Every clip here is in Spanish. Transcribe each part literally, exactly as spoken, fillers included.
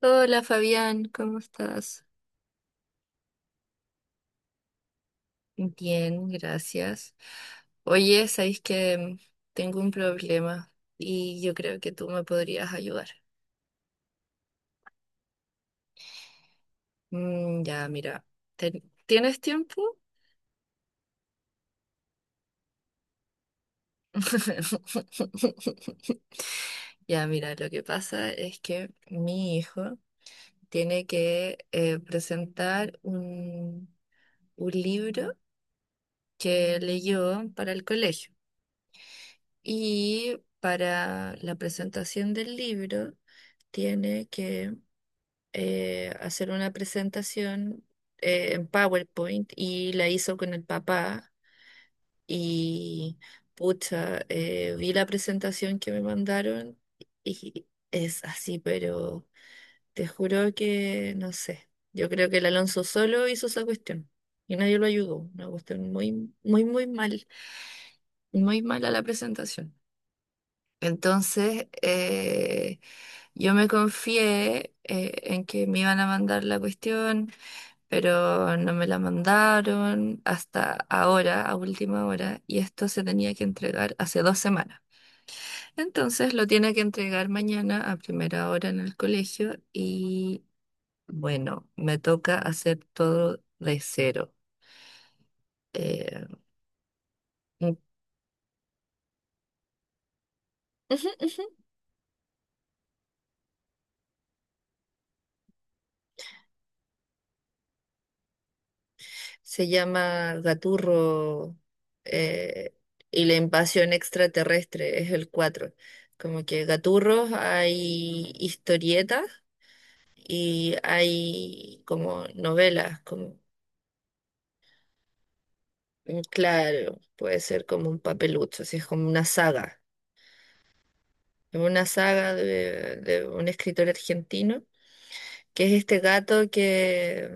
Hola Fabián, ¿cómo estás? Bien, gracias. Oye, sabéis que tengo un problema y yo creo que tú me podrías ayudar. Mm, ya, mira, ¿ten- ¿tienes tiempo? Ya, mira, lo que pasa es que mi hijo tiene que eh, presentar un, un libro que leyó para el colegio. Y para la presentación del libro tiene que eh, hacer una presentación eh, en PowerPoint y la hizo con el papá y pucha, eh, vi la presentación que me mandaron y es así, pero te juro que no sé. Yo creo que el Alonso solo hizo esa cuestión y nadie lo ayudó. Una cuestión muy, muy, muy mal, muy mala la presentación. Entonces, eh, yo me confié eh, en que me iban a mandar la cuestión, pero no me la mandaron hasta ahora, a última hora, y esto se tenía que entregar hace dos semanas. Entonces, lo tiene que entregar mañana a primera hora en el colegio y bueno, me toca hacer todo de cero. Eh, se llama Gaturro eh, y la invasión extraterrestre es el cuatro. Como que Gaturros hay historietas y hay como novelas, como mm, claro, puede ser como un papelucho, así es como una saga. Es una saga de, de un escritor argentino que es este gato que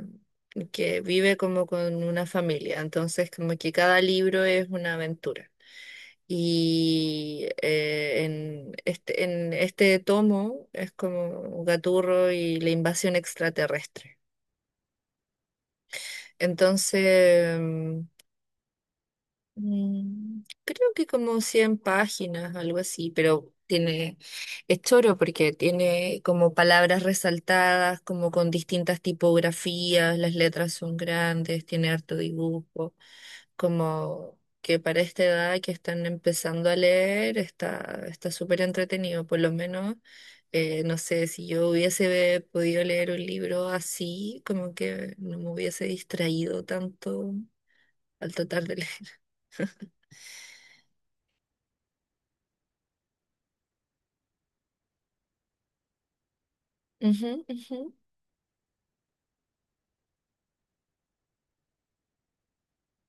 que vive como con una familia, entonces como que cada libro es una aventura. Y eh, en este, en este tomo es como Gaturro y la invasión extraterrestre. Entonces, mm, mm, creo que como cien páginas, algo así, pero tiene, es choro porque tiene como palabras resaltadas, como con distintas tipografías, las letras son grandes, tiene harto dibujo. Como que para esta edad que están empezando a leer está está súper entretenido, por lo menos, eh, no sé, si yo hubiese podido leer un libro así, como que no me hubiese distraído tanto al tratar de leer. Ujú, ujú.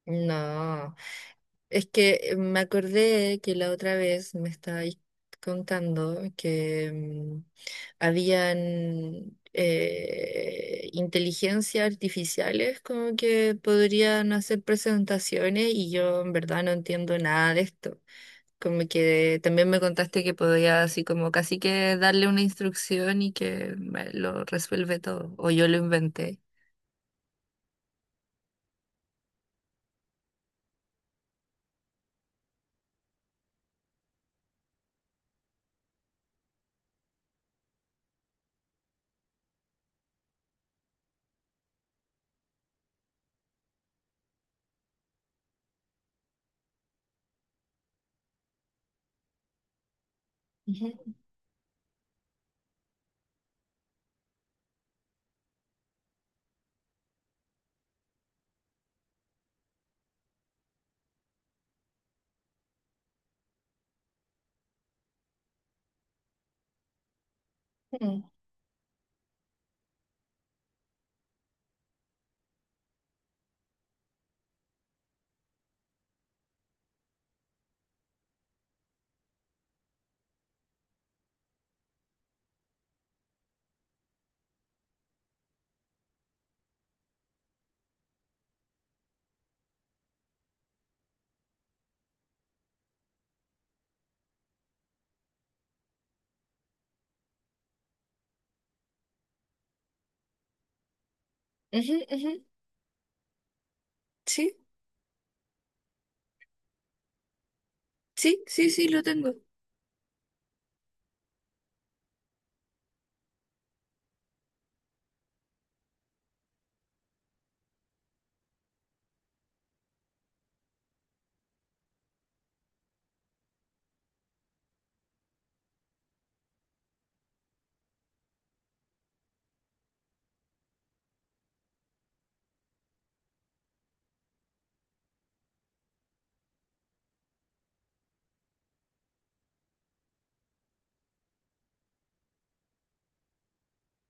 No, es que me acordé que la otra vez me estabais contando que mm, habían eh, inteligencias artificiales como que podrían hacer presentaciones y yo en verdad no entiendo nada de esto. Como que también me contaste que podía así como casi que darle una instrucción y que me lo resuelve todo, o yo lo inventé. Ujú, ujú, ujú, ujú, sí. Sí, sí, sí, lo tengo.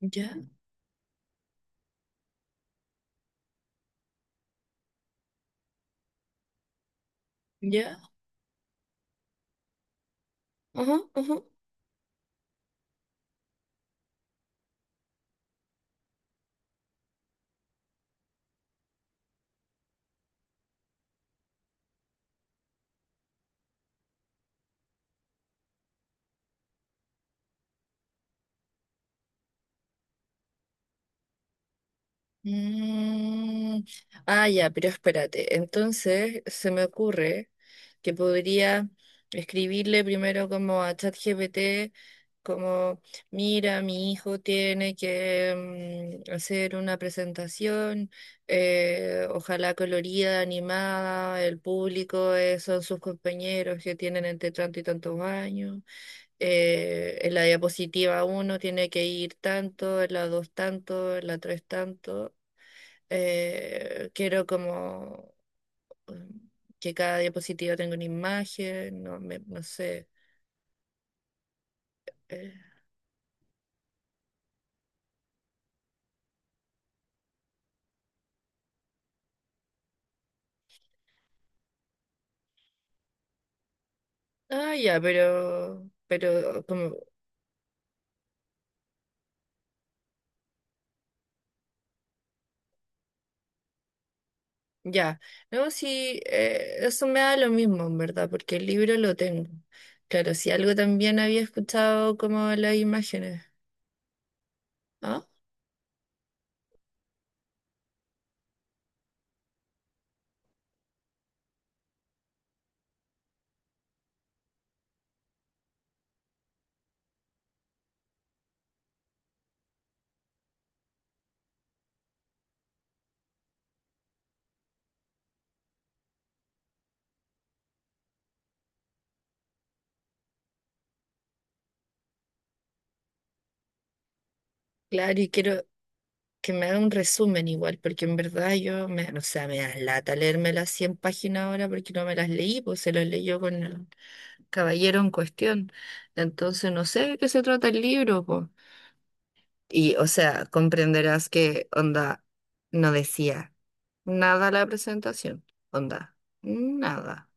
Ya, ya. Ajá, ajá. Mm, ah, ya, pero espérate. Entonces se me ocurre que podría escribirle primero como a ChatGPT, como, mira, mi hijo tiene que mm, hacer una presentación, eh, ojalá colorida, animada, el público es- son sus compañeros que tienen entre tanto y tantos años. Eh, en la diapositiva uno tiene que ir tanto, en la dos tanto, en la tres tanto. Eh, quiero como mm, que cada diapositiva tenga una imagen, no, me- no sé. Eh. Ah, ya, pero, pero como, ya. No, sí, eh, eso me da lo mismo, en verdad, porque el libro lo tengo. Claro, si algo también había escuchado como las imágenes. ¿Ah? Claro, y quiero que me haga un resumen igual, porque en verdad yo, me, o sea, me da lata leerme las cien páginas ahora porque no me las leí, pues se las leyó con el caballero en cuestión. Entonces no sé de qué se trata el libro, pues. Y, o sea, comprenderás que onda no decía nada la presentación, onda, nada,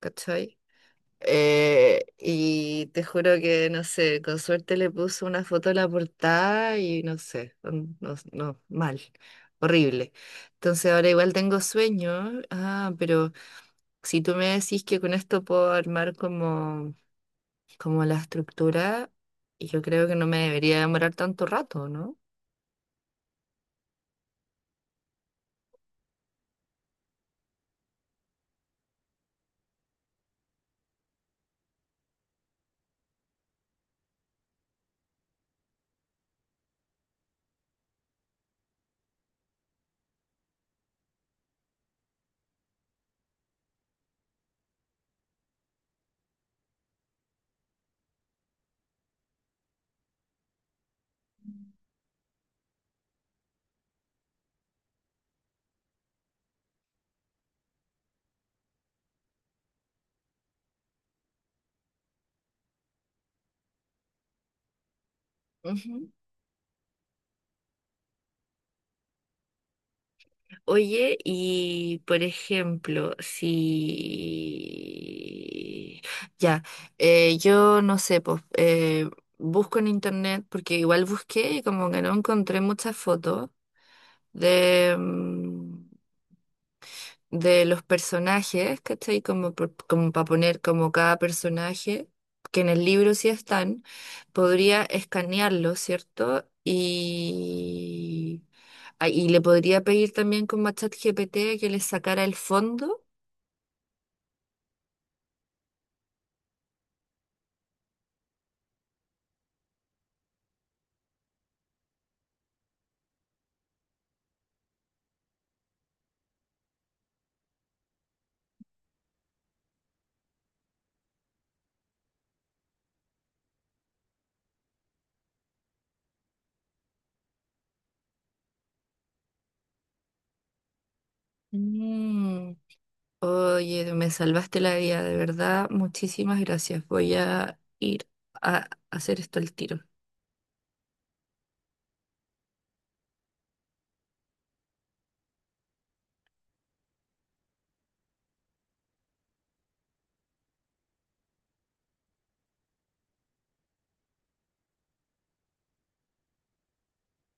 ¿cachai? Eh, y te juro que, no sé, con suerte le puso una foto a la portada y no sé, un- no, no, mal, horrible. Entonces ahora igual tengo sueño, ah, pero si tú me decís que con esto puedo armar como, como la estructura, yo creo que no me debería demorar tanto rato, ¿no? Oye, y por ejemplo, si ya, eh, yo no sé, pues eh, busco en internet, porque igual busqué y como que no encontré muchas fotos de, mm, de los personajes, ¿cachai? Como, por- como para poner como cada personaje, que en el libro sí están, podría escanearlo, ¿cierto? Y ah, y le podría pedir también como a ChatGPT que le sacara el fondo. Mm. Oye, me salvaste la vida, de verdad. Muchísimas gracias. Voy a ir a hacer esto al tiro.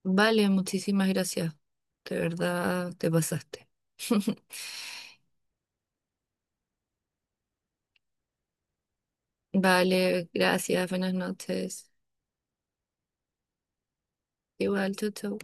Vale, muchísimas gracias. De verdad, te pasaste. Vale, gracias. Buenas noches. Igual, chau, chau.